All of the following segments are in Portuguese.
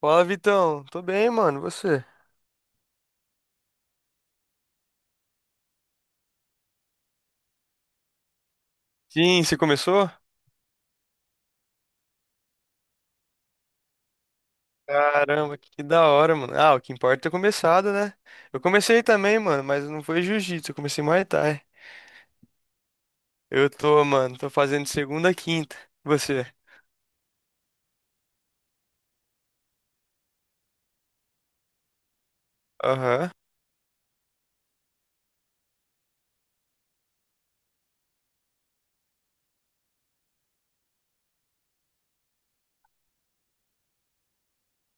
Fala, Vitão. Tô bem, mano. E você? Sim, você começou? Caramba, que da hora, mano. Ah, o que importa é ter começado, né? Eu comecei também, mano, mas não foi jiu-jitsu, eu comecei Muay Thai. Eu tô, mano, tô fazendo segunda, a quinta. E você? Aham,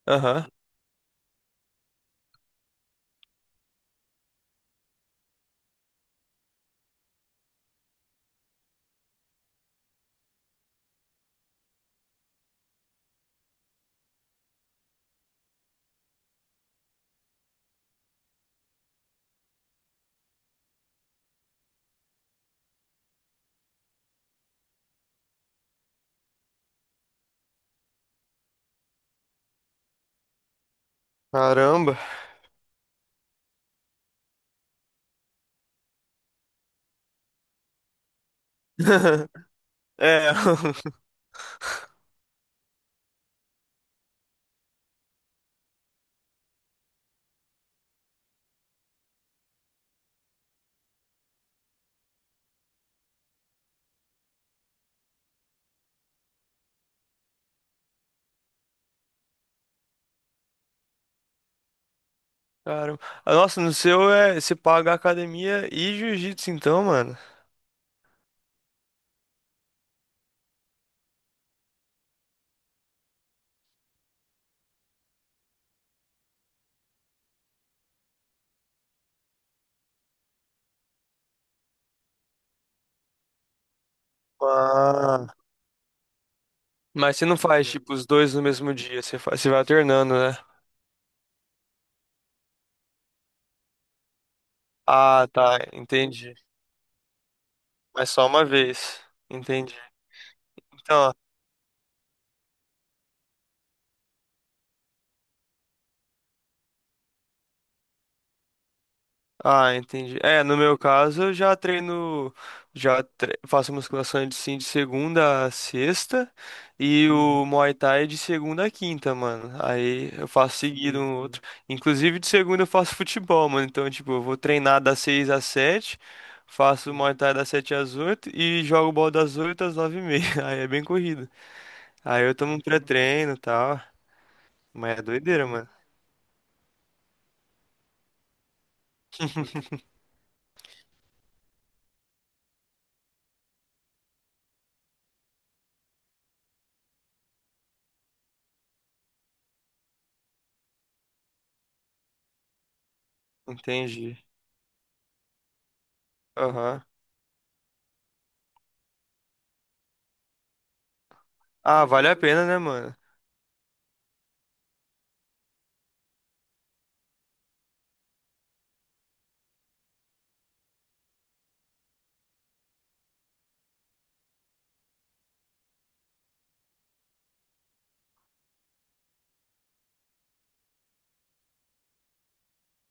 aham. Caramba. É, caramba. Ah, nossa, no seu é, você paga academia e jiu-jitsu então, mano. Ah. Mas você não faz, tipo, os dois no mesmo dia, você faz, você vai alternando, né? Ah, tá, entendi. Mas só uma vez. Entendi. Então, ah, entendi. É, no meu caso, eu já treino, faço musculação de sim de segunda a sexta e o Muay Thai de segunda a quinta, mano. Aí eu faço seguido um outro. Inclusive de segunda eu faço futebol, mano. Então, tipo, eu vou treinar das seis às sete, faço Muay Thai das sete às oito e jogo bola das oito às nove e meia. Aí é bem corrido. Aí eu tomo um pré-treino e tal. Mas é doideira, mano. Entendi. Aham. Ah, vale a pena, né, mano?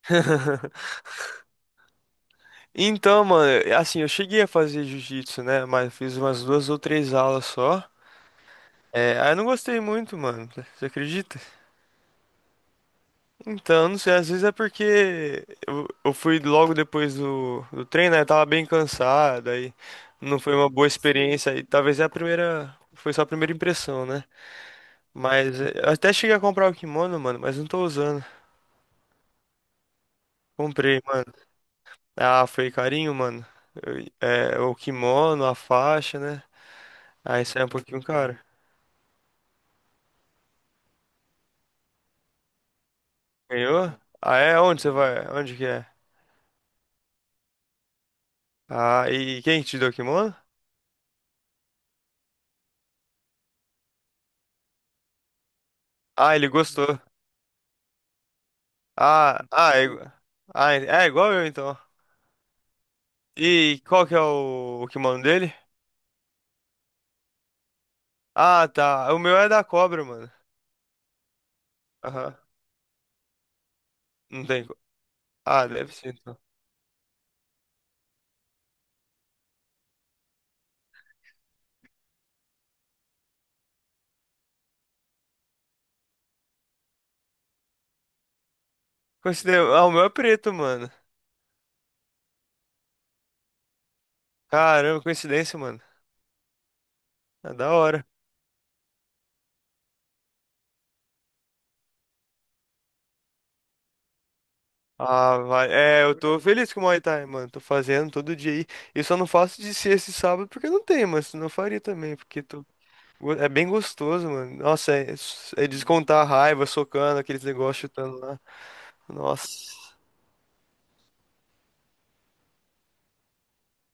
Então, mano, é, assim, eu cheguei a fazer jiu-jitsu, né? Mas fiz umas duas ou três aulas só. É, aí eu não gostei muito, mano. Você acredita? Então, não sei, às vezes é porque eu fui logo depois do treino, né? Eu tava bem cansado, aí não foi uma boa experiência. E talvez é a primeira. Foi só a primeira impressão, né? Mas é, eu até cheguei a comprar o kimono, mano, mas não tô usando. Comprei. Ah, foi carinho, mano. Eu- é, o kimono, a faixa, né? Aí sai um pouquinho caro. Ganhou? Ah, é? Onde você vai? Onde que é? Ah, e quem te deu o kimono? Ah, ele gostou. Ah, ah, é, ah, é igual eu então. E qual que é o kimono dele? Ah, tá. O meu é da cobra, mano. Aham. Não tem. Ah, deve ser então. Coincidência. Ah, o meu é preto, mano. Caramba, coincidência, mano. É da hora. Ah, vai. É, eu tô feliz com o Muay Thai, mano. Tô fazendo todo dia aí. Eu só não faço de ser esse sábado porque não tem, mas senão eu faria também, porque tô... é bem gostoso, mano. Nossa, é descontar a raiva, socando aqueles negócios, chutando lá. Nossa.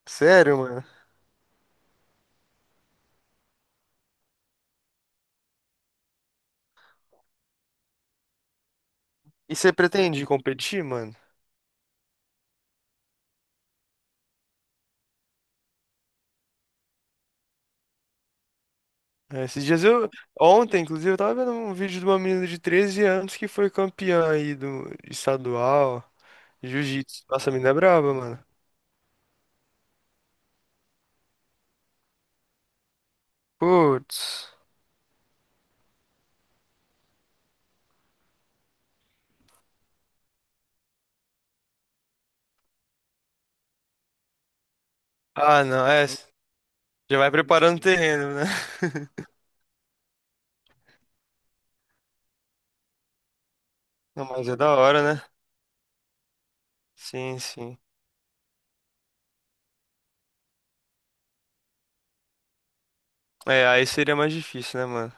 Sério, mano. E você pretende competir, mano? É, esses dias eu. Ontem, inclusive, eu tava vendo um vídeo de uma menina de 13 anos que foi campeã aí do estadual, jiu-jitsu. Nossa, a menina é braba, mano. Putz. Ah, não, é. Já vai preparando o terreno, né? Não, mas é da hora, né? Sim, sim. É, aí seria mais difícil, né, mano?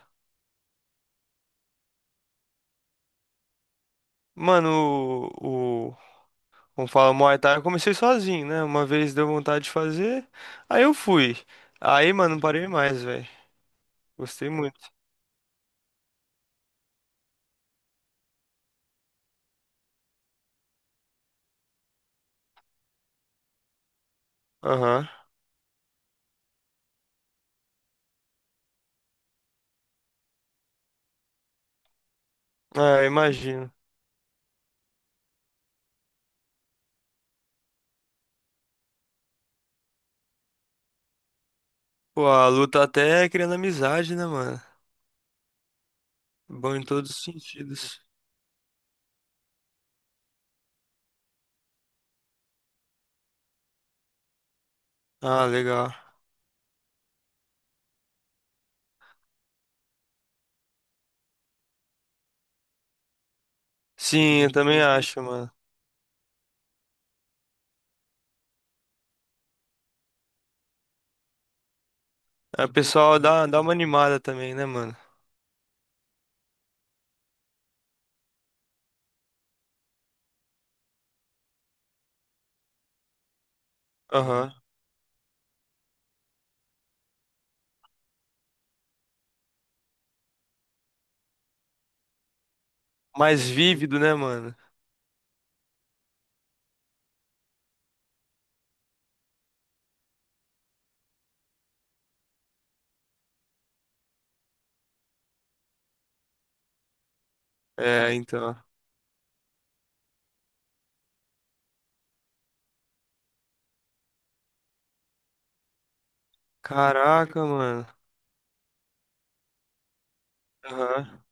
Mano, o como fala, Muay Thai, eu comecei sozinho, né? Uma vez deu vontade de fazer, aí eu fui. Aí, mano, não parei mais, velho. Gostei muito. Aham. É, imagino. Pô, a luta até é criando amizade, né, mano? Bom em todos os sentidos. Ah, legal. Sim, eu também acho, mano. É, o pessoal dá uma animada também, né, mano? Aham. Mais vívido, né, mano? É, então. Caraca, mano. Aham.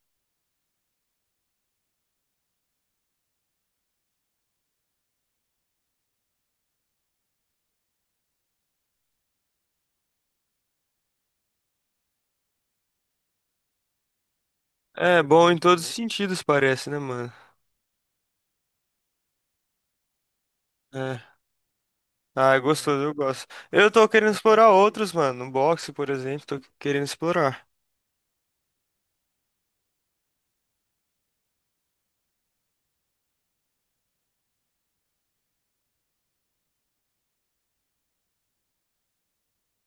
É bom em todos os sentidos, parece, né, mano? É. Ah, é gostoso, eu gosto. Eu tô querendo explorar outros, mano. No boxe, por exemplo, tô querendo explorar.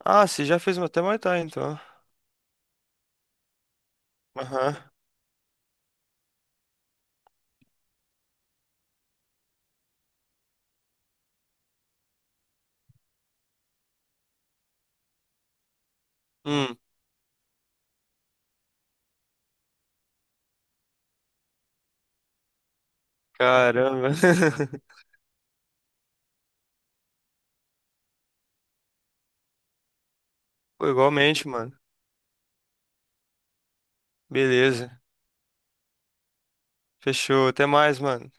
Ah, você já fez até Muay Thai, então. Aham. Hum, caramba. Pô, igualmente, mano. Beleza. Fechou. Até mais, mano.